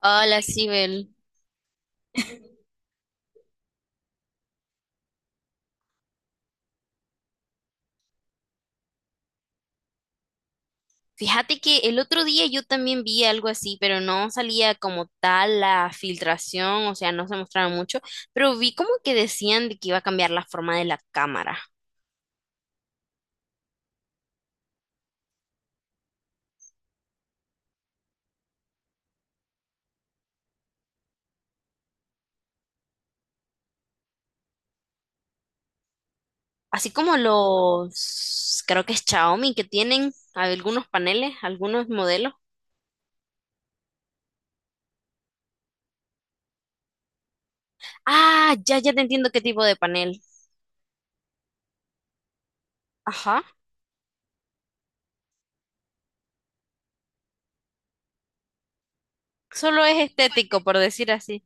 Hola, Sibel. Fíjate que el otro día yo también vi algo así, pero no salía como tal la filtración, o sea, no se mostraba mucho, pero vi como que decían de que iba a cambiar la forma de la cámara. Así como creo que es Xiaomi, que tienen algunos paneles, algunos modelos. Ah, ya te entiendo qué tipo de panel. Ajá. Solo es estético, por decir así.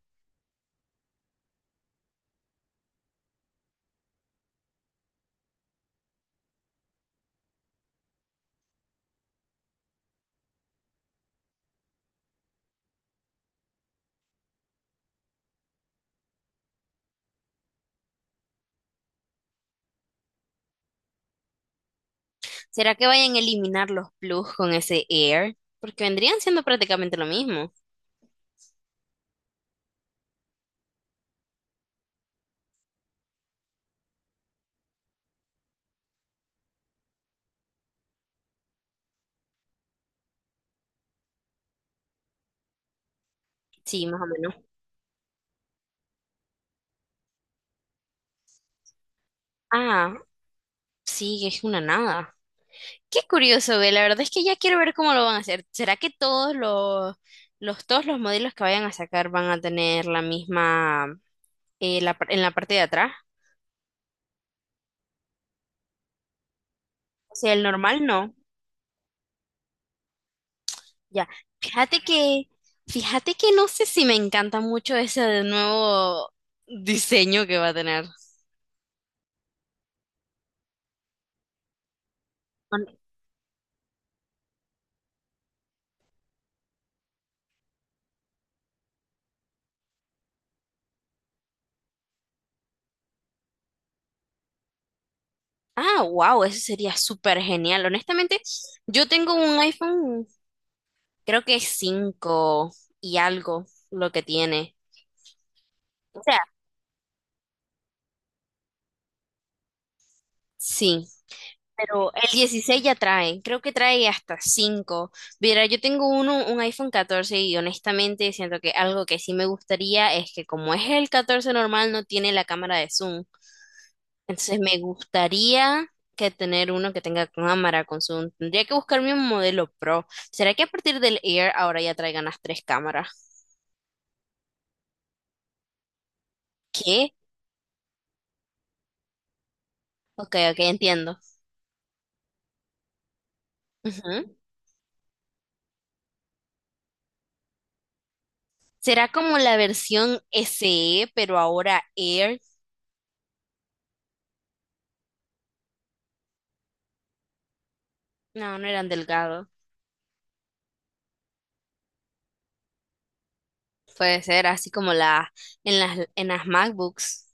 ¿Será que vayan a eliminar los plus con ese Air? Porque vendrían siendo prácticamente lo mismo. Sí, más o menos. Ah, sí, es una nada. Qué curioso, ve. La verdad es que ya quiero ver cómo lo van a hacer. ¿Será que todos los modelos que vayan a sacar van a tener la misma en la parte de atrás? O sea, el normal no. Ya. Fíjate que, fíjate que no sé si me encanta mucho ese nuevo diseño que va a tener. Hon- Ah, wow, eso sería súper genial. Honestamente, yo tengo un iPhone, creo que es 5 y algo lo que tiene. O sea, sí. Pero el 16 ya trae, creo que trae hasta 5. Mira, un iPhone 14 y honestamente siento que algo que sí me gustaría es que como es el 14 normal no tiene la cámara de zoom. Entonces me gustaría que tener uno que tenga cámara con zoom. Tendría que buscarme un modelo Pro. ¿Será que a partir del Air ahora ya traigan las tres cámaras? ¿Qué? Ok, ok, entiendo. Ujú. ¿Será como la versión SE, pero ahora Air? No, no eran delgados. Puede ser así como en las MacBooks.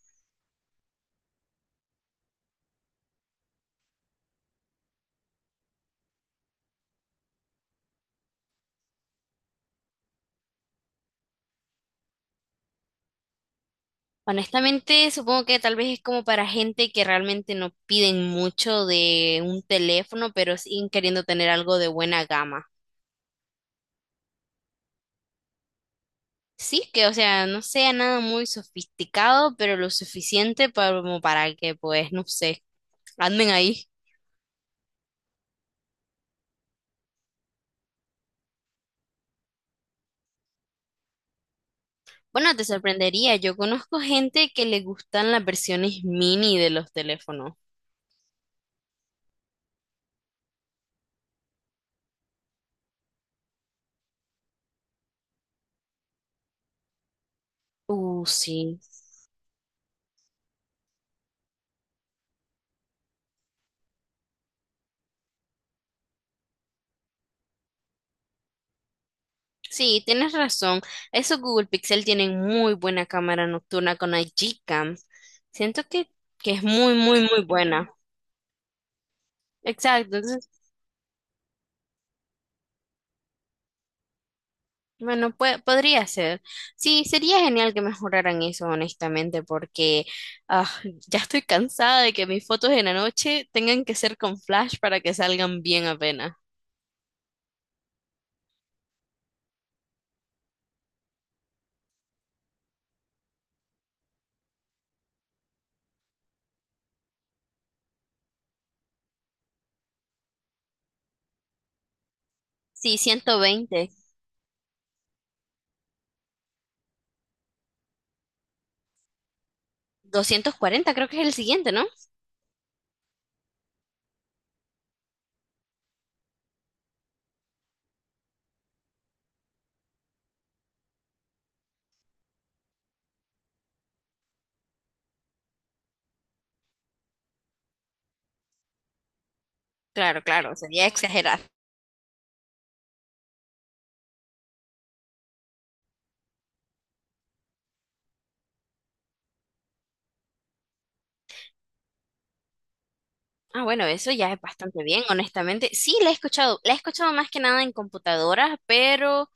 Honestamente, supongo que tal vez es como para gente que realmente no piden mucho de un teléfono, pero siguen queriendo tener algo de buena gama. Sí, que o sea, no sea nada muy sofisticado, pero lo suficiente como para que, pues, no sé, anden ahí. Bueno, te sorprendería, yo conozco gente que le gustan las versiones mini de los teléfonos. Sí. Sí, tienes razón. Esos Google Pixel tienen muy buena cámara nocturna con la Gcam. Siento que, que es muy, muy, muy buena. Exacto. Entonces, podría ser. Sí, sería genial que mejoraran eso, honestamente, porque ah, ya estoy cansada de que mis fotos en la noche tengan que ser con flash para que salgan bien apenas. Sí, 120. 240 creo que es el siguiente, ¿no? Claro, claro, sería exagerar. Ah, bueno, eso ya es bastante bien, honestamente. Sí, la he escuchado. La he escuchado más que nada en computadoras, pero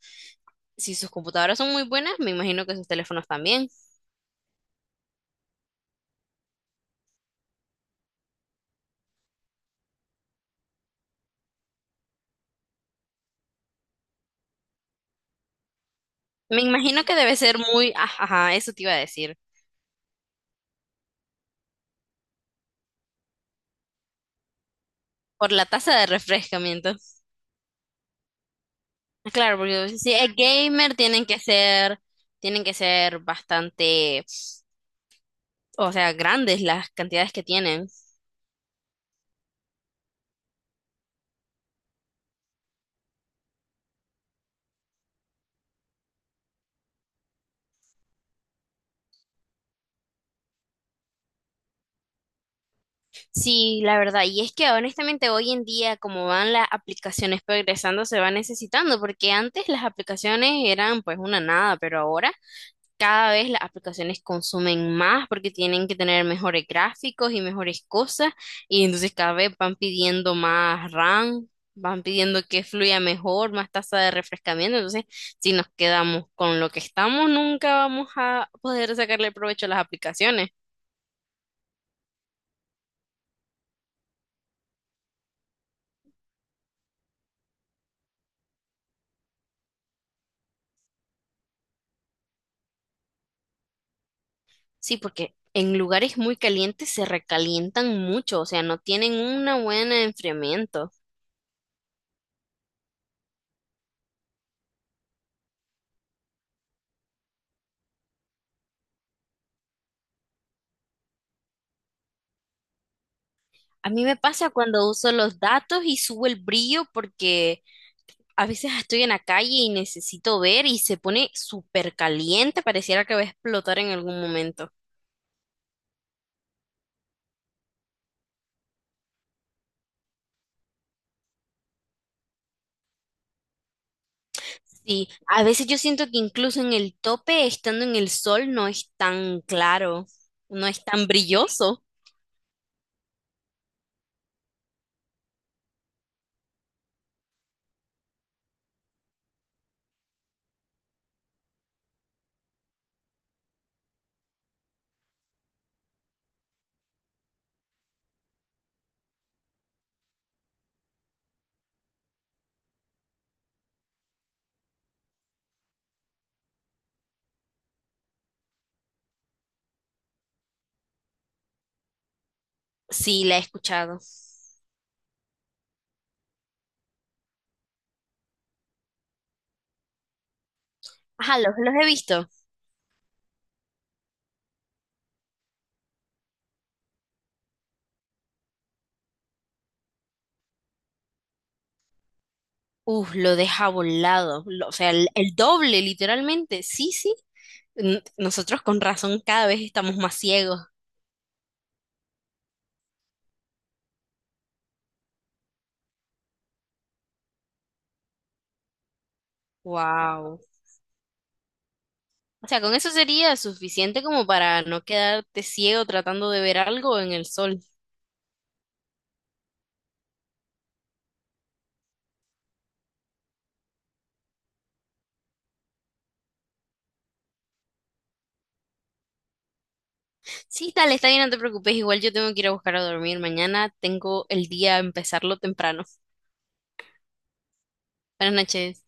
si sus computadoras son muy buenas, me imagino que sus teléfonos también. Me imagino que debe ser muy... ah, ajá, eso te iba a decir. Por la tasa de refrescamiento. Ah, claro, porque si es gamer, tienen que ser bastante, o sea, grandes las cantidades que tienen. Sí, la verdad. Y es que honestamente hoy en día, como van las aplicaciones progresando, se va necesitando, porque antes las aplicaciones eran pues una nada, pero ahora cada vez las aplicaciones consumen más porque tienen que tener mejores gráficos y mejores cosas, y entonces cada vez van pidiendo más RAM, van pidiendo que fluya mejor, más tasa de refrescamiento. Entonces, si nos quedamos con lo que estamos, nunca vamos a poder sacarle provecho a las aplicaciones. Sí, porque en lugares muy calientes se recalientan mucho, o sea, no tienen una buena enfriamiento. A mí me pasa cuando uso los datos y subo el brillo porque a veces estoy en la calle y necesito ver y se pone súper caliente, pareciera que va a explotar en algún momento. Sí, a veces yo siento que incluso en el tope, estando en el sol, no es tan claro, no es tan brilloso. Sí, la he escuchado. Ajá, los he visto. Uf, lo deja volado, lo- o sea, el doble, literalmente. Sí, sí. Nosotros con razón cada vez estamos más ciegos. Wow. O sea, con eso sería suficiente como para no quedarte ciego tratando de ver algo en el sol. Sí, dale, está bien, no te preocupes. Igual yo tengo que ir a buscar a dormir. Mañana tengo el día a empezarlo temprano. Buenas noches.